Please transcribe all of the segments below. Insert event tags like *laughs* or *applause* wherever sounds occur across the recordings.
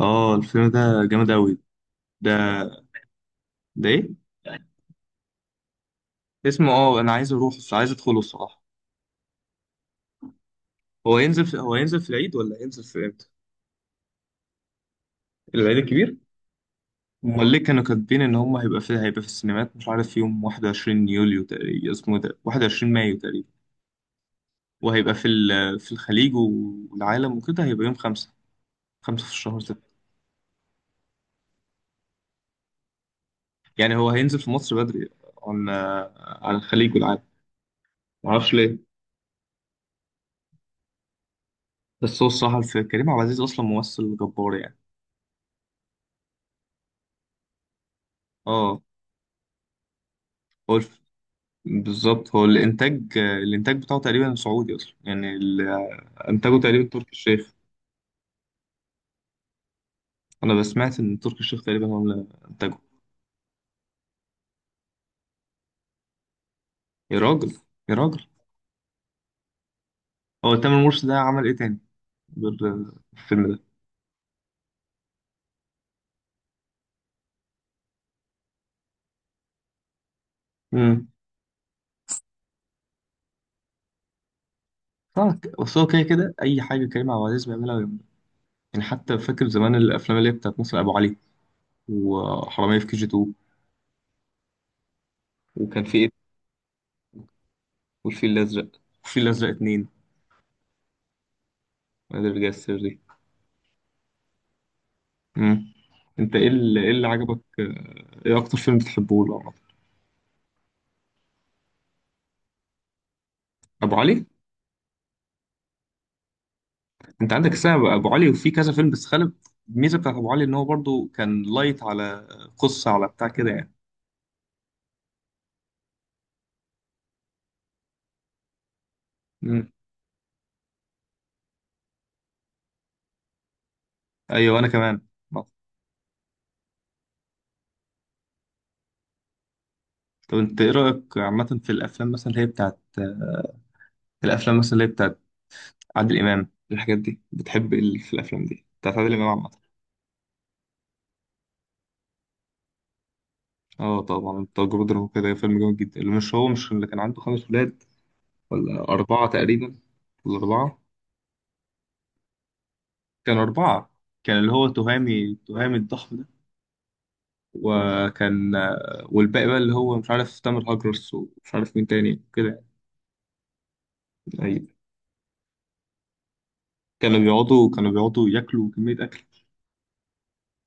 اه الفيلم ده جامد أوي. ده ده إيه؟ اسمه اه أنا عايز أروح، عايز أدخله الصراحة. هو ينزل هو ينزل في العيد ولا هينزل في إمتى؟ العيد الكبير؟ أمال ليه كانوا كاتبين إن هم هيبقى في السينمات مش عارف يوم 21 يوليو تقريبا، اسمه إيه ده، 21 مايو تقريبا. وهيبقى في الخليج والعالم وكده هيبقى يوم خمسة، خمسة في الشهر ستة. يعني هو هينزل في مصر بدري عن على الخليج والعالم، معرفش ليه. بس هو الصراحة كريم عبد العزيز أصلا ممثل جبار يعني. اه قول، بالظبط هو الانتاج بتاعه تقريبا سعودي اصلا، يعني انتاجه تقريبا تركي الشيخ. انا بسمعت ان تركي الشيخ تقريبا هو اللي انتاجه. يا راجل، يا راجل. هو تامر مرشد ده عمل ايه تاني غير الفيلم ده؟ امم بس هو كده كده اي حاجه كريم عبد العزيز بيعملها ويعملها. يعني حتى فاكر زمان الافلام اللي هي بتاعت مثلا ابو علي وحراميه في كي جي 2، وكان في ايه، والفيل الازرق، والفيل الازرق اتنين، نادي الرجال السري. امم انت إيه اللي عجبك ايه اكتر فيلم بتحبه له عامة؟ ابو علي. انت عندك سبب ابو علي وفي كذا فيلم بس خالد؟ الميزه بتاعت ابو علي ان هو برضو كان لايت على قصه على بتاع كده يعني. مم. ايوه انا كمان. طب انت ايه رايك عامه في الافلام مثلا اللي هي بتاعت، الافلام مثلا اللي هي بتاعت عادل امام، الحاجات دي؟ بتحب ايه اللي في الافلام دي بتاعت عادل امام عامه؟ اه طبعا التجربه الدراميه كده فيلم جامد جدا، اللي مش هو مش اللي كان عنده خمس ولاد ولا اربعه تقريبا؟ ولا اربعه؟ كان اربعه، كان اللي هو تهامي، تهامي الضخم ده، وكان والباقي بقى اللي هو مش عارف تامر هجرس ومش عارف مين تاني كده. أيوة. كانوا بيقعدوا كانوا بيقعدوا ياكلوا كمية أكل.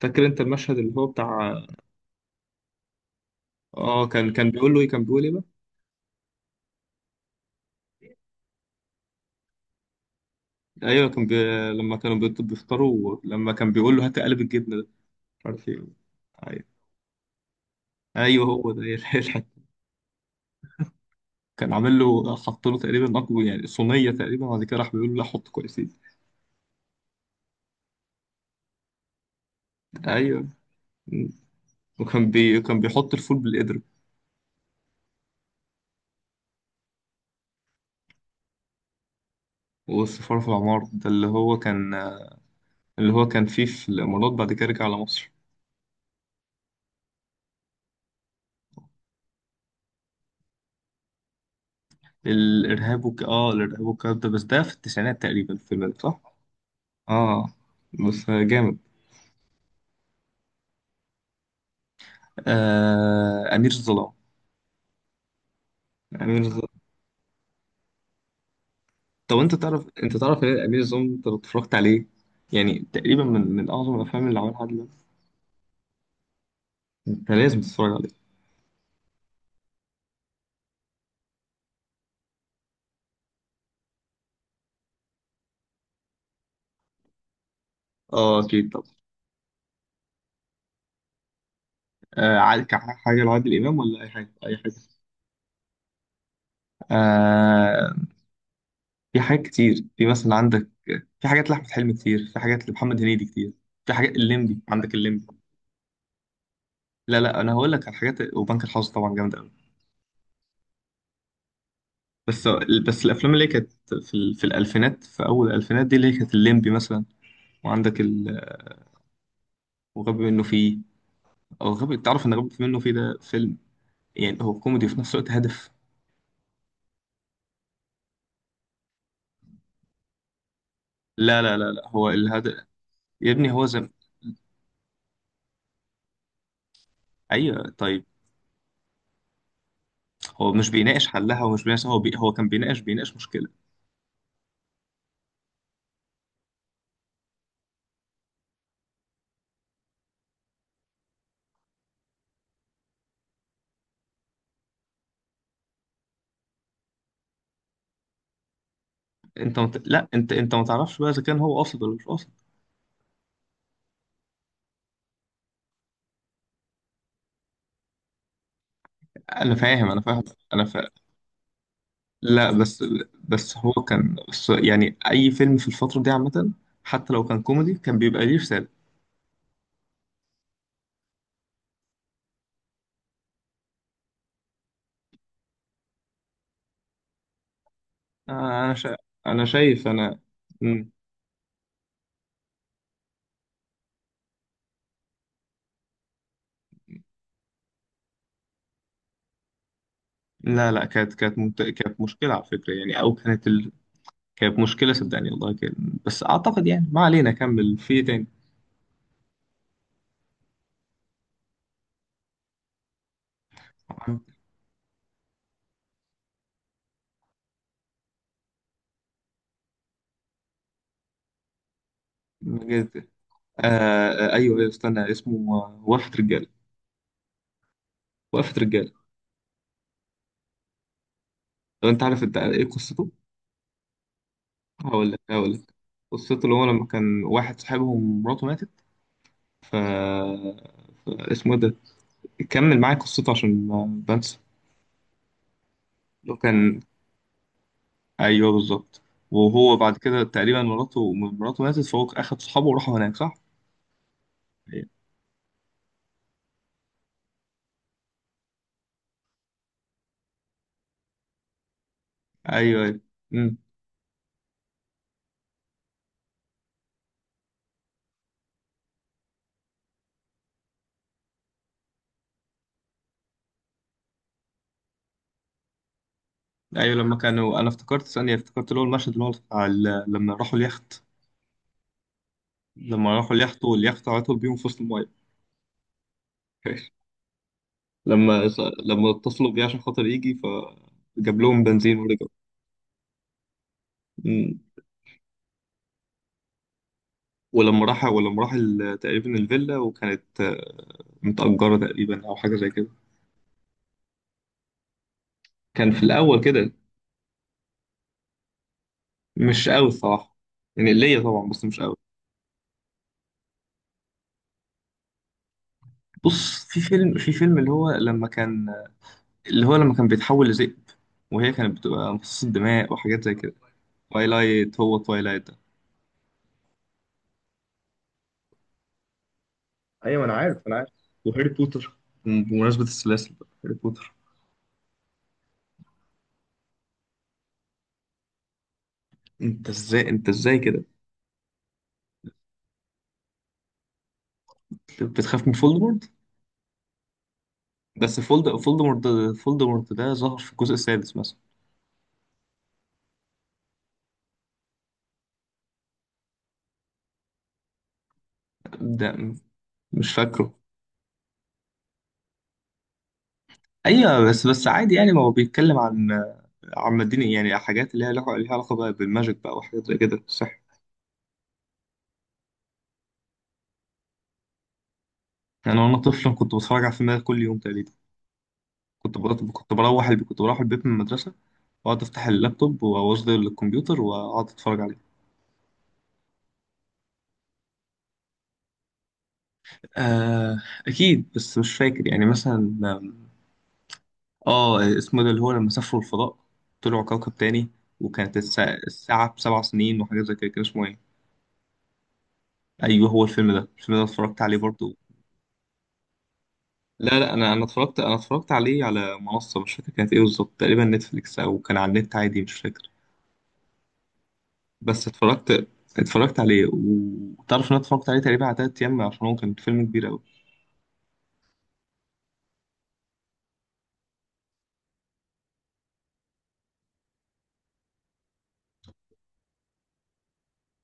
فاكر أنت المشهد اللي هو بتاع؟ اه كان كان بيقول له ايه كان بيقول ايه بقى؟ ايوه لما بيفطروا، لما كان بيقول له هات قلب الجبنه ده مش عارف ايه. ايوه، ايوه هو ده *laughs* يلحق. كان عامل له حط له تقريبا اكبر يعني صينيه تقريبا، بعد كده راح بيقول له لا حط كويسين. ايوه، وكان كان بيحط الفول بالقدر. والسفارة في العمار ده اللي هو كان، اللي هو كان فيه في الإمارات، بعد كده رجع على مصر. الإرهاب آه الإرهاب والكلام ده، بس ده في التسعينات تقريبا الفيلم ده، صح؟ آه بس جامد. آه أمير الظلام. أمير الظلام، طب أنت تعرف إيه أمير الظلام أنت لو اتفرجت عليه؟ يعني تقريبا من من أعظم الأفلام اللي عملها عادل إمام. أنت لازم تتفرج عليه. آه أكيد. طب آه عادل- حاجة لعادل إمام ولا أي حاجة؟ أي حاجة. آه في حاجات كتير، في مثلا عندك، في حاجات لأحمد حلمي كتير، في حاجات لمحمد هنيدي كتير، في حاجات الليمبي، عندك الليمبي. لا لا أنا هقول لك على حاجات، وبنك الحظ طبعا جامد أوي. بس الأفلام اللي هي كانت في الألفينات، في أول الألفينات دي، اللي هي كانت الليمبي مثلا وعندك وغبي منه فيه. أو غبي، تعرف إن غبي منه فيه ده فيلم، يعني هو كوميدي وفي نفس الوقت هدف. لا هو الهدف. يا ابني هو زم، أيوه طيب. هو مش بيناقش حلها ومش بيناقش، هو كان بيناقش، بيناقش مشكلة. لا انت ما تعرفش بقى اذا كان هو قاصد ولا مش قاصد. انا فاهم، انا فاهم، انا فاهم. لا بس، بس هو كان بس يعني اي فيلم في الفتره دي عامه حتى لو كان كوميدي كان بيبقى ليه رساله. آه، انا شا... انا شايف انا. مم. لا لا كانت كانت مشكله على فكره، يعني او كانت كانت مشكله صدقني والله كان، بس اعتقد يعني ما علينا، كمل في إيه تاني. *laughs* مجد- آه ايوه، ايوه استنى اسمه وقفه رجاله. وقفه رجاله. لو انت عارف انت ايه قصته؟ هقول لك، هقول لك قصته. اللي هو لما كان واحد صاحبهم مراته ماتت، اسمه ده، كمل معايا قصته عشان ما بنسى. لو كان، ايوه بالظبط. وهو بعد كده تقريبا مراته، مراته ماتت، فهو اخد صحابه وراحوا هناك صح؟ ايوه، ايوه. امم ايوه. لما كانوا انا افتكرت ثانيه، افتكرت اللي هو المشهد اللي هو بتاع لما راحوا اليخت. لما راحوا اليخت واليخت عطل بيهم في وسط المايه. *laughs* لما، لما اتصلوا بيه عشان خاطر يجي، فجاب لهم بنزين ورجعوا. ولما راح، ولما راح تقريبا الفيلا، وكانت متأجرة تقريبا أو حاجة زي كده، كان في الأول كده. مش قوي الصراحة، يعني ليا طبعا بس مش قوي. بص في فيلم، في فيلم اللي هو لما كان، اللي هو لما كان بيتحول لذئب، وهي كانت بتبقى مصاصة دماء وحاجات زي كده. توايلايت، هو توايلايت ده. ايوه انا عارف، انا عارف. وهاري بوتر، بمناسبة السلاسل بقى هاري بوتر. انت ازاي، انت ازاي كده بتخاف من فولدمورت؟ بس فولدمورت، فولدمورت ده ظهر في الجزء السادس مثلا. ده مش فاكره. ايوه بس عادي يعني، ما هو بيتكلم عن، عن مدينة يعني حاجات اللي هي ليها علاقه بقى بالماجيك بقى وحاجات زي كده صح. يعني انا وانا طفل كنت بتفرج على الفيلم ده كل يوم تقريبا. كنت بروح، كنت بروح البيت من المدرسه واقعد افتح اللابتوب واوصله للكمبيوتر واقعد اتفرج عليه. آه اكيد بس مش فاكر يعني مثلا اه اسمه ده اللي هو لما سافروا الفضاء، طلعوا كوكب تاني، وكانت الساعة بسبع سنين وحاجات زي كده، كان اسمه ايه؟ ايوه هو الفيلم ده، الفيلم ده اتفرجت عليه برضه. لا لا انا، انا اتفرجت عليه على منصه، مش فاكر كانت ايه بالظبط، تقريبا نتفليكس او كان على النت عادي مش فاكر. بس اتفرجت، اتفرجت عليه، وتعرف ان انا اتفرجت عليه تقريبا على تلات ايام عشان هو كان فيلم كبير قوي.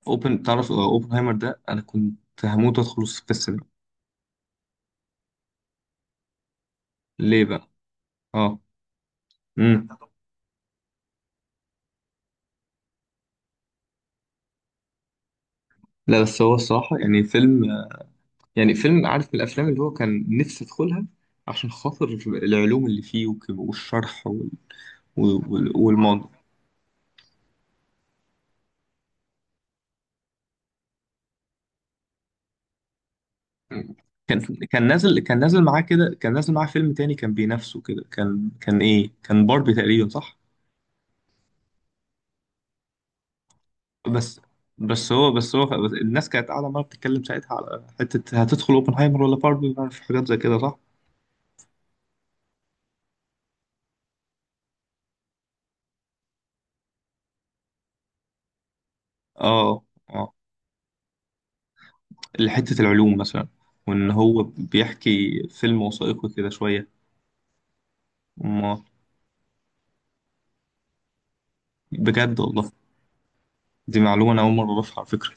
اوبن تعرف اوبنهايمر ده انا كنت هموت ادخل في السينما. ليه بقى؟ اه. امم لا بس هو الصراحه يعني فيلم، يعني فيلم عارف، من الافلام اللي هو كان نفسي ادخلها عشان خاطر العلوم اللي فيه والشرح والموضوع. مم. كان، كان نازل، كان نازل معاه كده، كان نازل معاه فيلم تاني كان بينافسه كده، كان كان ايه، كان باربي تقريبا صح. بس، هو الناس كانت قاعده ما بتتكلم ساعتها على حته هتدخل اوبنهايمر ولا باربي، في حاجات زي كده صح. اه، اه حته العلوم مثلا، وان هو بيحكي فيلم وثائقي كده شويه. ما بجد والله، دي معلومه انا اول مره اعرفها على فكره.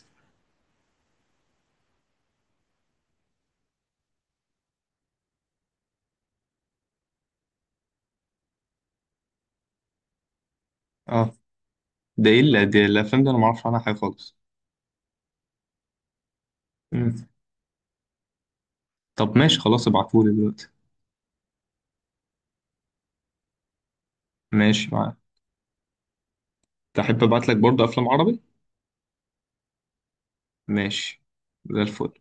اه ده دي الافلام دي انا ما اعرفش عنها حاجه خالص. مم. طب ماشي خلاص، ابعتهولي دلوقتي. ماشي معاك. تحب ابعت لك برضه افلام عربي؟ ماشي، زي الفل.